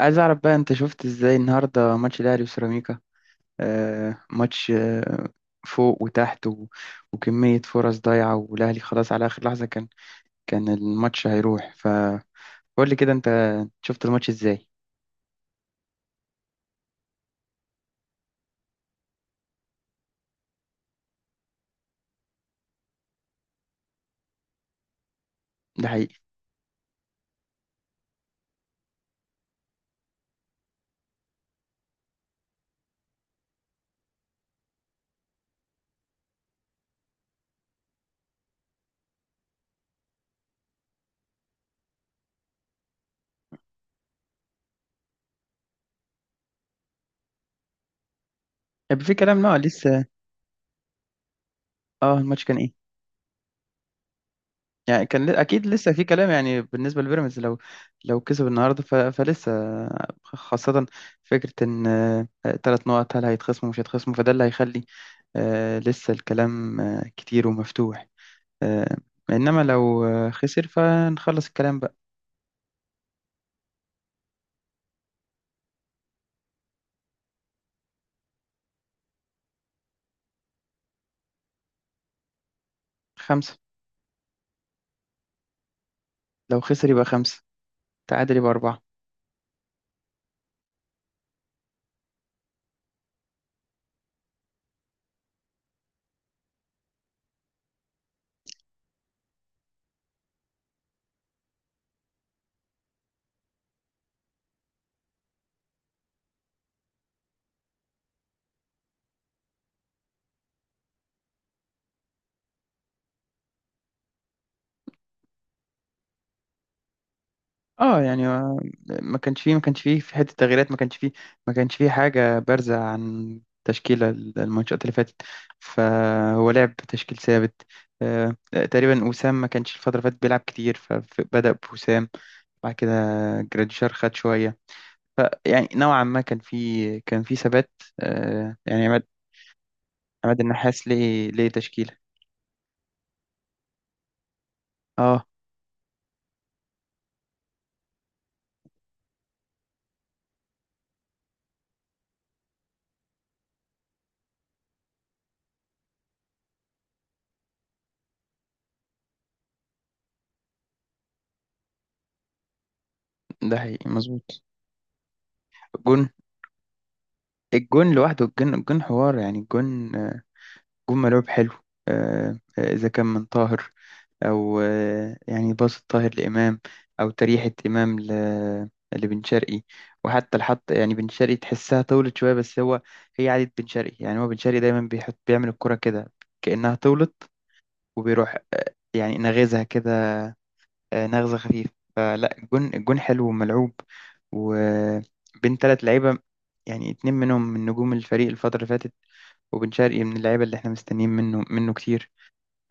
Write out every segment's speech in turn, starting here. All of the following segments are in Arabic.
عايز اعرف بقى انت شفت ازاي النهارده ماتش الاهلي وسيراميكا. ماتش فوق وتحت وكمية فرص ضايعة، والاهلي خلاص على اخر لحظة كان الماتش هيروح، فقول لي كده انت شفت الماتش ازاي؟ ده حقيقي. طب في كلام، لا لسه. اه الماتش كان إيه؟ يعني كان اكيد لسه في كلام، يعني بالنسبه لبيراميدز لو كسب النهارده فلسه، خاصه فكره ان ثلاث نقط هل هيتخصموا مش هيتخصموا، فده اللي هيخلي لسه الكلام كتير ومفتوح. آه، انما لو خسر فنخلص الكلام بقى. خمسه. لو خسر يبقى خمسه، تعادل يبقى اربعه. اه يعني ما كانش فيه في حته تغييرات، ما كانش فيه حاجه بارزه عن تشكيله الماتشات اللي فاتت، فهو لعب بتشكيل ثابت. تقريبا وسام ما كانش الفتره اللي فاتت بيلعب كتير فبدا بوسام. بعد كده جراديشار خد شويه، فيعني نوعا ما كان في ثبات. يعني عماد النحاس ليه تشكيله. اه ده حقيقي مظبوط. جون. الجون لوحده، الجون حوار يعني الجون، جون ملعوب حلو. إذا كان من طاهر، أو يعني باص طاهر لإمام، أو تريحة إمام لبن شرقي. وحتى الحط، يعني بن شرقي تحسها طولت شوية، بس هو هي عادة بن شرقي، يعني هو بن شرقي دايما بيحط، بيعمل الكرة كده كأنها طولت، وبيروح يعني نغزها كده، نغزة خفيفة. فلا الجون حلو وملعوب، وبين تلات لعيبة، يعني اتنين منهم من نجوم الفريق الفترة اللي فاتت، وبن شرقي من اللعيبة اللي احنا مستنيين منه كتير.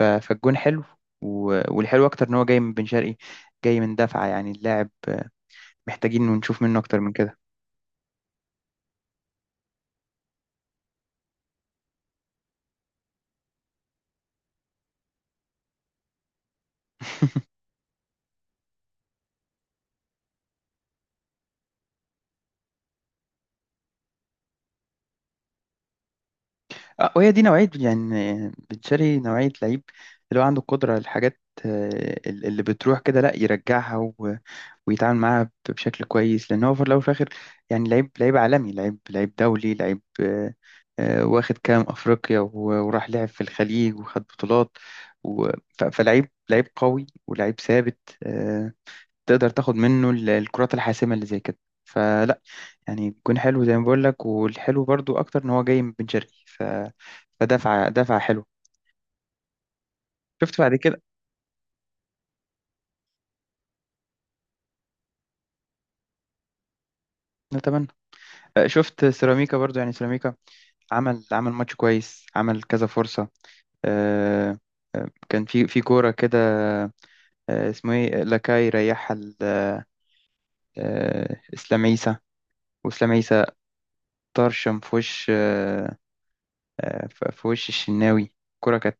فالجون حلو، والحلو اكتر ان هو جاي من بن شرقي، جاي من دفعه، يعني اللاعب محتاجين ونشوف منه اكتر من كده. وهي دي نوعيه، يعني بن شرقي نوعيه لعيب اللي هو عنده القدره، الحاجات اللي بتروح كده لا يرجعها ويتعامل معاها بشكل كويس، لان هو في الاول وفي الاخر يعني لعيب عالمي، لعيب دولي، لعيب واخد كام افريقيا، وراح لعب في الخليج وخد بطولات و- فلعيب لعيب قوي ولعيب ثابت. تقدر تاخد منه الكرات الحاسمة اللي زي كده. فلا يعني جون حلو زي ما بقول لك، والحلو برضو اكتر ان هو جاي من بن شرقي فدفعة حلو. شفت بعد كده. نتمنى. شفت سيراميكا برضو، يعني سيراميكا عمل ماتش كويس، عمل كذا فرصة. آه، كان في كورة كده، اسمه ايه، لاكاي ريحها اسلام عيسى. واسلام عيسى طرشم في وش في وش الشناوي، الكورة كانت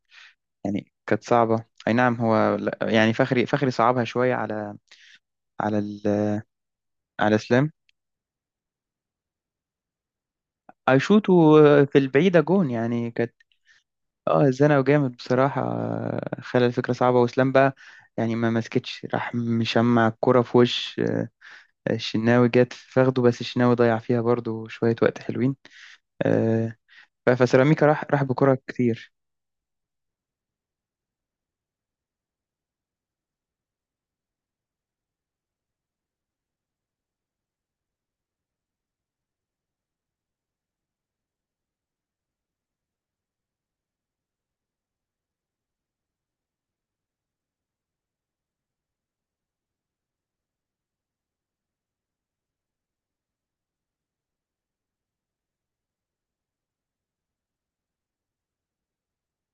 يعني كانت صعبة، أي نعم هو يعني فخري صعبها شوية على على ال... على سلام. أيشوتو في البعيدة جون يعني كانت. اه زنقه جامد بصراحة، خلى الفكرة صعبة، وسلام بقى يعني ما مسكتش، راح مشمع الكرة في وش الشناوي، جت فاخده، بس الشناوي ضيع فيها برضو شوية وقت حلوين. آه، فسيراميكا راح بكرة كتير.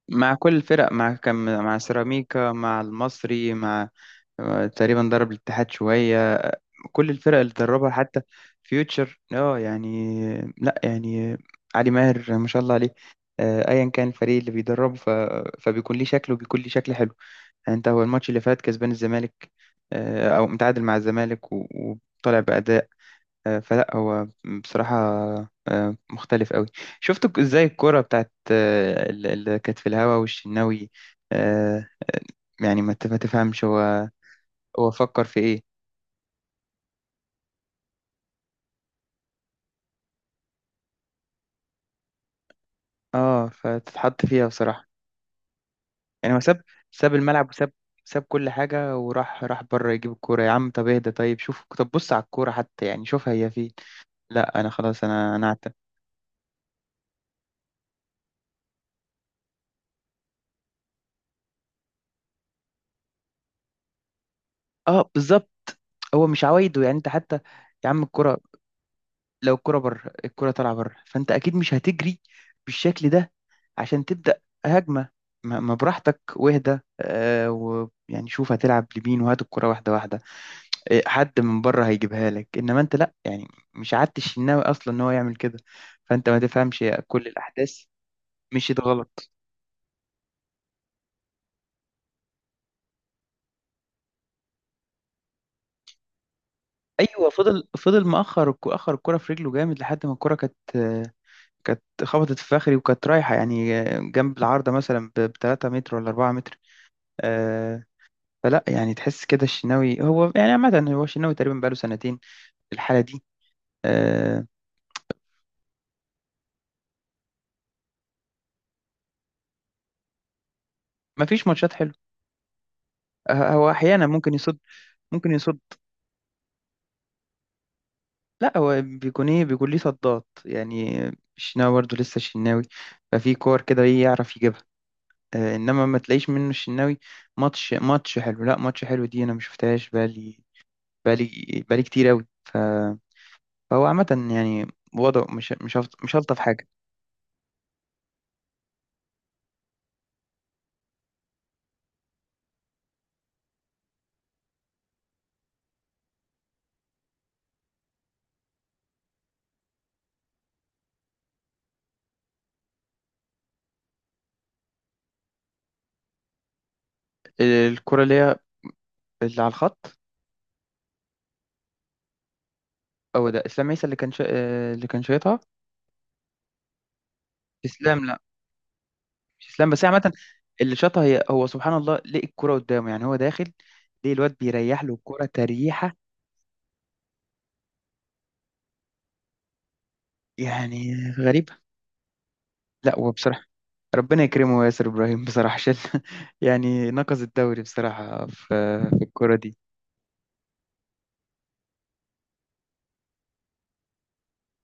مع كل الفرق، مع كم، مع سيراميكا، مع المصري، مع تقريبا ضرب الاتحاد شوية، كل الفرق اللي دربها حتى فيوتشر. اه يعني لا يعني علي ماهر ما شاء الله عليه. ايا كان الفريق اللي بيدربه فبيكون ليه شكله، وبيكون ليه شكل حلو. يعني انت هو الماتش اللي فات كسبان الزمالك او متعادل مع الزمالك وطالع باداء. فلا هو بصراحه مختلف قوي. شفت ازاي الكرة بتاعت اللي كانت في الهوا والشناوي، آه، يعني ما تفهمش هو، هو فكر في ايه؟ اه فتتحط فيها بصراحة. يعني هو ساب الملعب، وساب كل حاجة، وراح بره يجيب الكورة، يا عم طب اهدى، طيب شوف، طب بص على الكورة حتى، يعني شوفها هي فين. لا أنا خلاص، أنا أعتمد. اه بالظبط. هو مش عوايده، يعني أنت حتى، يا عم الكورة، لو الكورة بره، الكورة طالعة بره، فأنت أكيد مش هتجري بالشكل ده عشان تبدأ هجمة، ما براحتك واهدى آه، ويعني شوف هتلعب لمين، وهات الكورة واحدة واحدة. إيه، حد من بره هيجيبها لك، انما انت لا يعني، مش عادت الشناوي اصلا ان هو يعمل كده. فانت ما تفهمش يا كل الاحداث مشيت غلط. ايوه فضل مأخر اخر الكرة في رجله جامد، لحد ما الكرة كانت، كانت خبطت في فخري، وكانت رايحة يعني جنب العارضة مثلا ب 3 متر ولا 4 متر. آه، فلا يعني تحس كده الشناوي، هو يعني عامة هو الشناوي تقريبا بقاله سنتين الحالة دي. آه، مفيش ماتشات حلوة. هو أحيانا ممكن يصد، لا هو بيكون ايه، بيكون ليه صدات يعني، الشناوي برضه لسه الشناوي. ففي كور كده ايه يعرف يجيبها. انما ما تلاقيش منه الشناوي ماتش حلو، لا ماتش حلو دي انا ما شفتهاش بقالي بقالي كتير قوي فهو عامة يعني وضعه مش هلطف حاجة. الكرة اللي هي اللي على الخط، هو ده اسلام عيسى اللي كان شا... آه، اللي كان شايطها؟ اسلام، لا مش اسلام، بس هي عامة اللي شاطها هي، هو سبحان الله لقي الكرة قدامه، يعني هو داخل ليه الواد بيريح له الكرة تريحة، يعني غريبة. لا وبصراحة ربنا يكرمه ياسر إبراهيم، بصراحة شال يعني نقص الدوري بصراحة في في الكرة دي.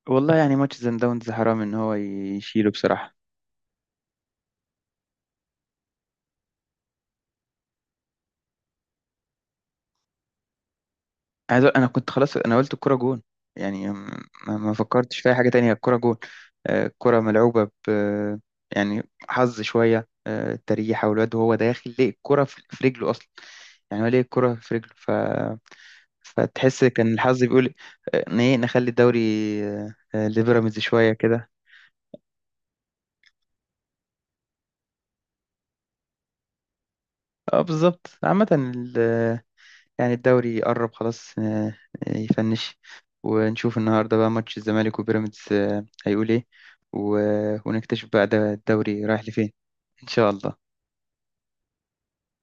والله يعني ماتش سان داونز حرام إن هو يشيله بصراحة. انا كنت خلاص، انا قلت الكرة جون، يعني ما فكرتش في اي حاجة تانية، الكرة جون. الكرة ملعوبة ب، يعني حظ شوية، تريحة والواد وهو داخل ليه الكرة في رجله اصلا، يعني هو ليه الكرة في رجله، فتحس كان الحظ بيقول ان ايه، نخلي الدوري لبيراميدز شوية كده. اه بالظبط. عامة يعني الدوري قرب خلاص، يفنش، ونشوف النهاردة بقى ماتش الزمالك وبيراميدز هيقول ايه، ونكتشف بقى ده الدوري رايح لفين. إن شاء الله.